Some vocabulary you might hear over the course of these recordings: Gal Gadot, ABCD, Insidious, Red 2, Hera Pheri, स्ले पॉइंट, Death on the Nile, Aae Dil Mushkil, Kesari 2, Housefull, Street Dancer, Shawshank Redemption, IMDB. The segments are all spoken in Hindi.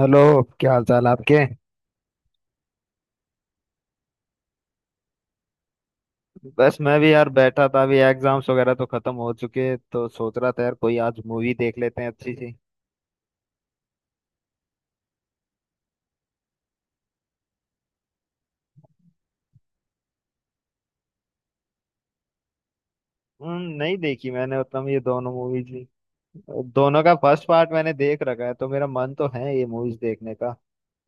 हेलो। क्या हाल चाल आपके? बस मैं भी यार बैठा था। अभी एग्जाम्स वगैरह तो खत्म हो चुके, तो सोच रहा था यार कोई आज मूवी देख लेते हैं अच्छी सी। नहीं देखी मैंने उतना ये दोनों मूवीज भी। दोनों का फर्स्ट पार्ट मैंने देख रखा है, तो मेरा मन तो है ये मूवीज देखने का।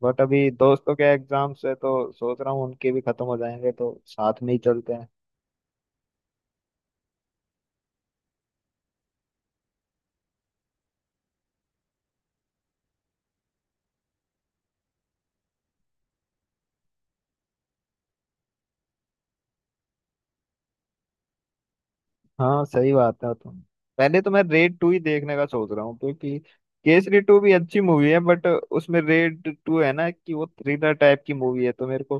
बट अभी दोस्तों के एग्जाम्स है, तो सोच रहा हूँ उनके भी खत्म हो जाएंगे तो साथ में ही चलते हैं। हाँ सही बात है तुम। पहले तो मैं रेड टू ही देखने का सोच रहा हूँ, क्योंकि केसरी टू भी अच्छी मूवी है बट उसमें रेड टू है ना कि वो थ्रिलर टाइप की मूवी है, तो मेरे को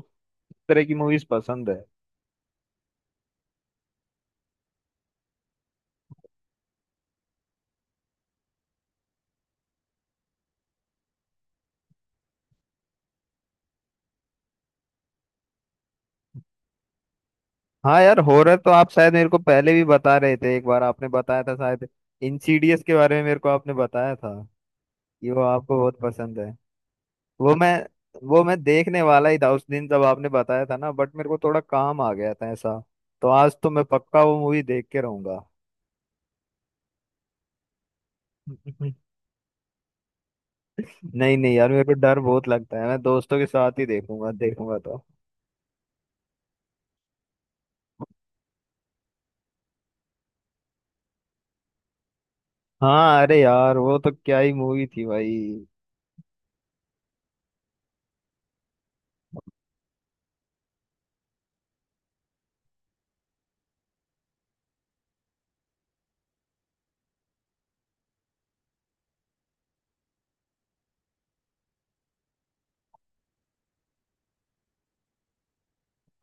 इस तरह की मूवीज पसंद है। हाँ यार हॉरर तो आप शायद मेरे को पहले भी बता रहे थे, एक बार आपने बताया था शायद इंसीडियस के बारे में, मेरे को आपने बताया था कि वो आपको बहुत पसंद है। वो मैं वो मैं देखने वाला ही था उस दिन जब आपने बताया था ना, बट मेरे को थोड़ा काम आ गया था ऐसा। तो आज तो मैं पक्का वो मूवी देख के रहूंगा। नहीं नहीं यार मेरे को डर बहुत लगता है, मैं दोस्तों के साथ ही देखूंगा देखूंगा तो। हाँ अरे यार वो तो क्या ही मूवी थी भाई।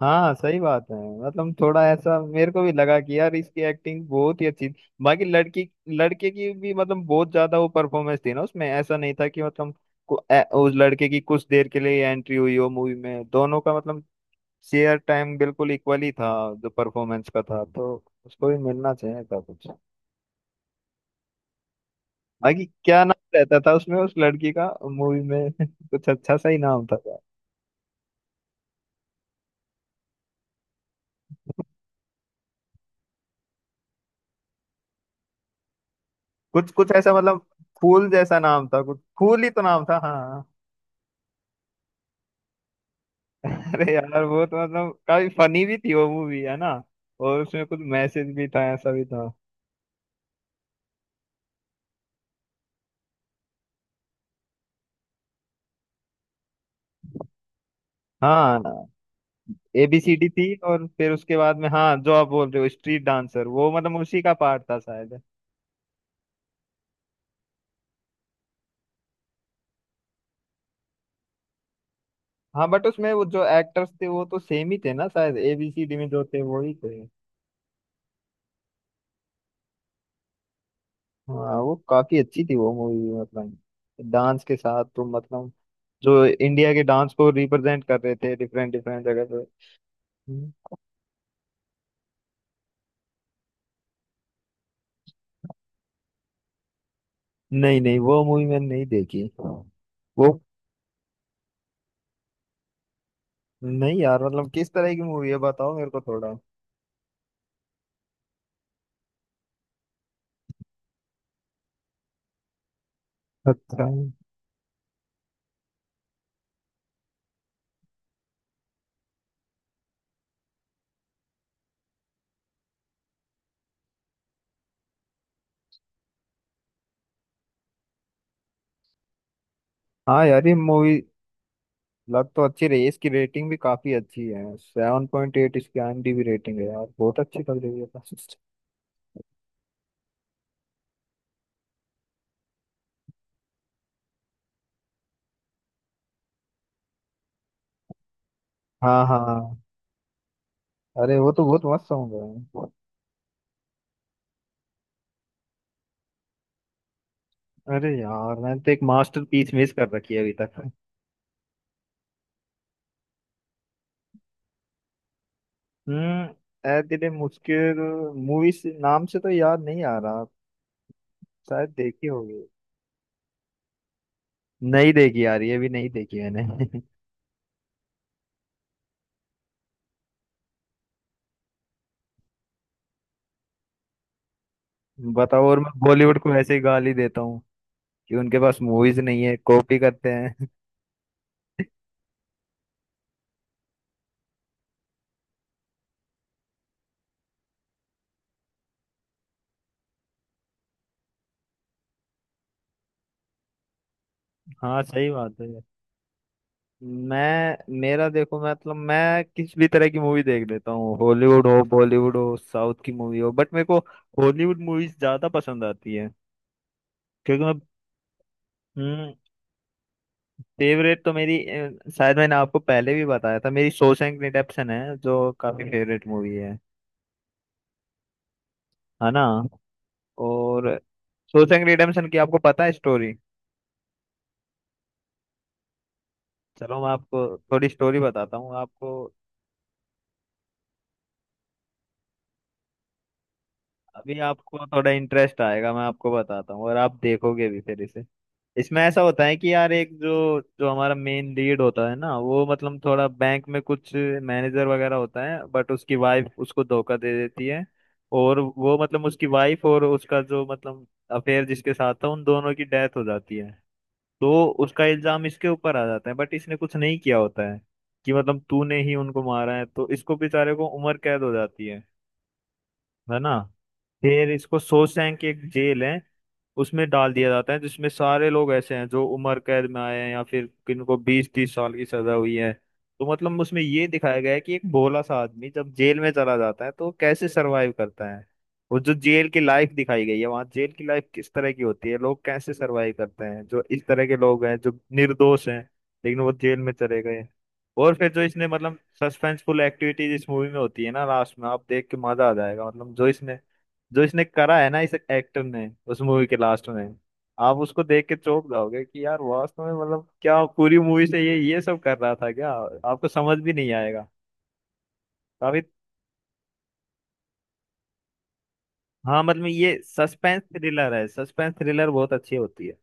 हाँ सही बात है। मतलब थोड़ा ऐसा मेरे को भी लगा कि यार इसकी एक्टिंग बहुत ही अच्छी थी, बाकी लड़की लड़के की भी मतलब बहुत ज्यादा वो परफॉर्मेंस थी ना उसमें, ऐसा नहीं था कि मतलब उस लड़के की कुछ देर के लिए एंट्री हुई हो मूवी में, दोनों का मतलब शेयर टाइम बिल्कुल इक्वली था जो परफॉर्मेंस का था, तो उसको भी मिलना चाहिए था कुछ। बाकी क्या नाम रहता था उसमें उस लड़की का मूवी में कुछ अच्छा सा ही नाम था क्या? कुछ कुछ ऐसा, मतलब फूल जैसा नाम था कुछ, फूल ही तो नाम था हाँ। अरे यार वो तो मतलब काफी फनी भी थी वो मूवी है ना, और उसमें कुछ मैसेज भी था, ऐसा भी था। हाँ एबीसीडी थी, और फिर उसके बाद में हाँ जो आप बोल रहे हो स्ट्रीट डांसर, वो मतलब उसी का पार्ट था शायद। हाँ बट उसमें वो जो एक्टर्स थे वो तो सेम ही थे ना शायद, एबीसीडी में जो थे वो ही थे। हाँ वो काफी अच्छी थी वो मूवी, मतलब डांस के साथ, तो मतलब जो इंडिया के डांस को रिप्रेजेंट कर रहे थे डिफरेंट डिफरेंट जगह पे। हम्म। नहीं नहीं वो मूवी मैंने नहीं देखी वो। नहीं यार मतलब किस तरह की मूवी है बताओ मेरे को थोड़ा। अच्छा हाँ यार ये मूवी लग तो अच्छी रही है, इसकी रेटिंग भी काफी अच्छी है, 7.8 इसकी आईएमडीबी रेटिंग है यार, बहुत अच्छी लग रही है। हाँ हाँ अरे वो तो बहुत मस्त सॉन्ग है। अरे यार मैंने तो एक मास्टरपीस मिस कर रखी है अभी तक। ए दिल मुश्किल मूवी से, नाम से तो याद नहीं आ रहा, शायद देखी होगी। नहीं देखी यार, ये भी नहीं देखी मैंने। बताओ, और मैं बॉलीवुड को ऐसे ही गाली देता हूँ कि उनके पास मूवीज नहीं है, कॉपी करते हैं। हाँ सही बात है। मैं मेरा देखो, मतलब मैं किसी भी तरह की मूवी देख लेता हूँ, हॉलीवुड हो बॉलीवुड हो साउथ की मूवी हो, बट मेरे को हॉलीवुड मूवीज ज्यादा पसंद आती है, क्योंकि मैं। हम्म फेवरेट तो मेरी शायद मैंने आपको पहले भी बताया था, मेरी शॉशैंक रिडेम्पशन है जो काफी फेवरेट मूवी है ना। और शॉशैंक रिडेम्पशन की आपको पता है स्टोरी। चलो मैं आपको थोड़ी स्टोरी बताता हूँ आपको। अभी आपको थोड़ा इंटरेस्ट आएगा, मैं आपको बताता हूँ, और आप देखोगे भी फिर इसे। इसमें ऐसा होता है कि यार एक, जो जो हमारा मेन लीड होता है ना, वो मतलब थोड़ा बैंक में कुछ मैनेजर वगैरह होता है, बट उसकी वाइफ उसको धोखा दे देती है। और वो मतलब उसकी वाइफ और उसका जो मतलब अफेयर जिसके साथ था, उन दोनों की डेथ हो जाती है। तो उसका इल्जाम इसके ऊपर आ जाता है, बट इसने कुछ नहीं किया होता है, कि मतलब तूने ही उनको मारा है, तो इसको बेचारे को उम्र कैद हो जाती है ना। फिर इसको शोशैंक एक जेल है उसमें डाल दिया जाता है, जिसमें सारे लोग ऐसे हैं जो उम्र कैद में आए हैं, या फिर किनको 20-30 साल की सजा हुई है। तो मतलब उसमें ये दिखाया गया है कि एक भोला सा आदमी जब जेल में चला जाता है तो वो कैसे सरवाइव करता है। और जो जेल की लाइफ दिखाई गई है वहाँ, जेल की लाइफ किस तरह की होती है, लोग कैसे सरवाइव करते हैं जो इस तरह के लोग हैं जो निर्दोष हैं लेकिन वो जेल में चले गए। और फिर जो इसने मतलब सस्पेंसफुल एक्टिविटीज इस मूवी में होती है ना लास्ट में, आप देख के मजा आ जाएगा, मतलब जो इसने करा है ना इस एक्टर ने उस मूवी के लास्ट में, आप उसको देख के चौंक जाओगे कि यार वास्तव में मतलब क्या पूरी मूवी से ये सब कर रहा था क्या। आपको समझ भी नहीं आएगा। काफी, हाँ मतलब ये सस्पेंस थ्रिलर है, सस्पेंस थ्रिलर बहुत अच्छी होती है।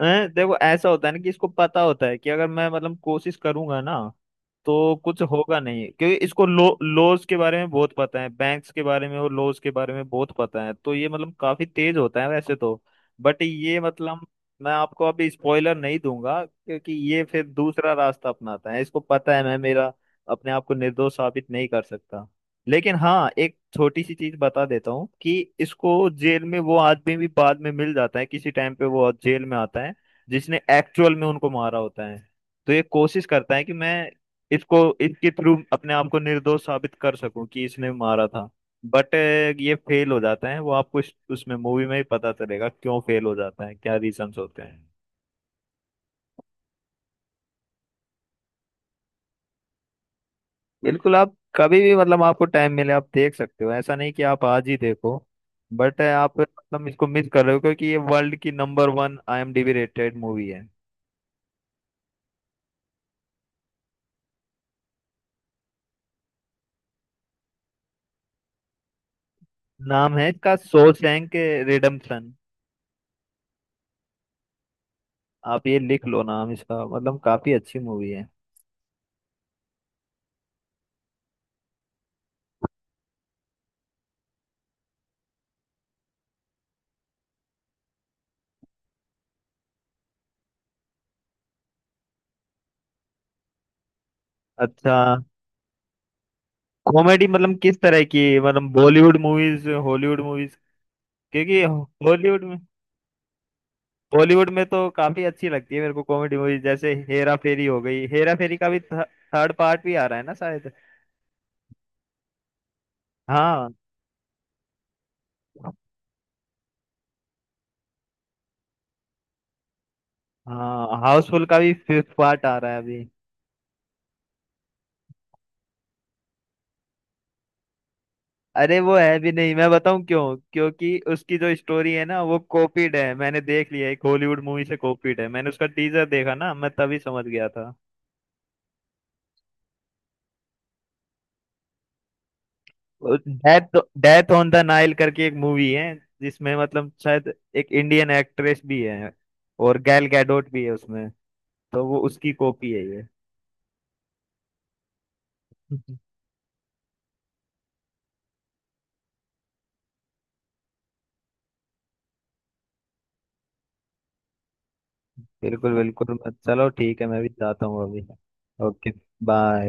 हैं? देखो ऐसा होता है ना कि इसको पता होता है कि अगर मैं मतलब कोशिश करूंगा ना तो कुछ होगा नहीं, क्योंकि इसको लो लॉज के बारे में बहुत पता है, बैंक्स के बारे में और लॉज के बारे में बहुत पता है, तो ये मतलब काफी तेज होता है वैसे तो। बट ये मतलब मैं आपको अभी स्पॉइलर नहीं दूंगा, क्योंकि ये फिर दूसरा रास्ता अपनाता है, इसको पता है मैं मेरा अपने आप को निर्दोष साबित नहीं कर सकता। लेकिन हाँ एक छोटी सी चीज बता देता हूँ कि इसको जेल में वो आदमी भी बाद में मिल जाता है, किसी टाइम पे वो जेल में आता है जिसने एक्चुअल में उनको मारा होता है। तो ये कोशिश करता है कि मैं इसको इसके थ्रू अपने आप को निर्दोष साबित कर सकूं कि इसने मारा था, बट ये फेल हो जाता है, वो आपको उसमें मूवी में ही पता चलेगा क्यों फेल हो जाता है क्या रीजंस होते हैं। बिल्कुल, आप कभी भी मतलब आपको टाइम मिले आप देख सकते हो, ऐसा नहीं कि आप आज ही देखो, बट आप मतलब इसको मिस कर रहे हो क्योंकि ये वर्ल्ड की number one IMDb rated movie है। नाम है इसका शॉशैंक रिडेम्पशन, आप ये लिख लो नाम इसका, मतलब काफी अच्छी मूवी है। अच्छा कॉमेडी मतलब किस तरह की, मतलब बॉलीवुड मूवीज हॉलीवुड मूवीज? क्योंकि हॉलीवुड में, बॉलीवुड में तो काफी अच्छी लगती है मेरे को कॉमेडी मूवीज, जैसे हेरा फेरी हो गई, हेरा फेरी का भी थर्ड पार्ट भी आ रहा है ना शायद। हाँ हाँ हाउसफुल का भी फिफ्थ पार्ट आ रहा है अभी। अरे वो है भी नहीं, मैं बताऊं क्यों, क्योंकि उसकी जो स्टोरी है ना वो कॉपीड है, मैंने देख लिया, एक हॉलीवुड मूवी से कॉपीड है, मैंने उसका टीजर देखा ना, मैं तभी समझ गया था। Death death on the Nile करके एक मूवी है, जिसमें मतलब शायद एक इंडियन एक्ट्रेस भी है, और गैल गैडोट भी है उसमें, तो वो उसकी कॉपी है ये। बिल्कुल बिल्कुल, चलो ठीक है मैं भी जाता हूँ अभी। ओके। बाय।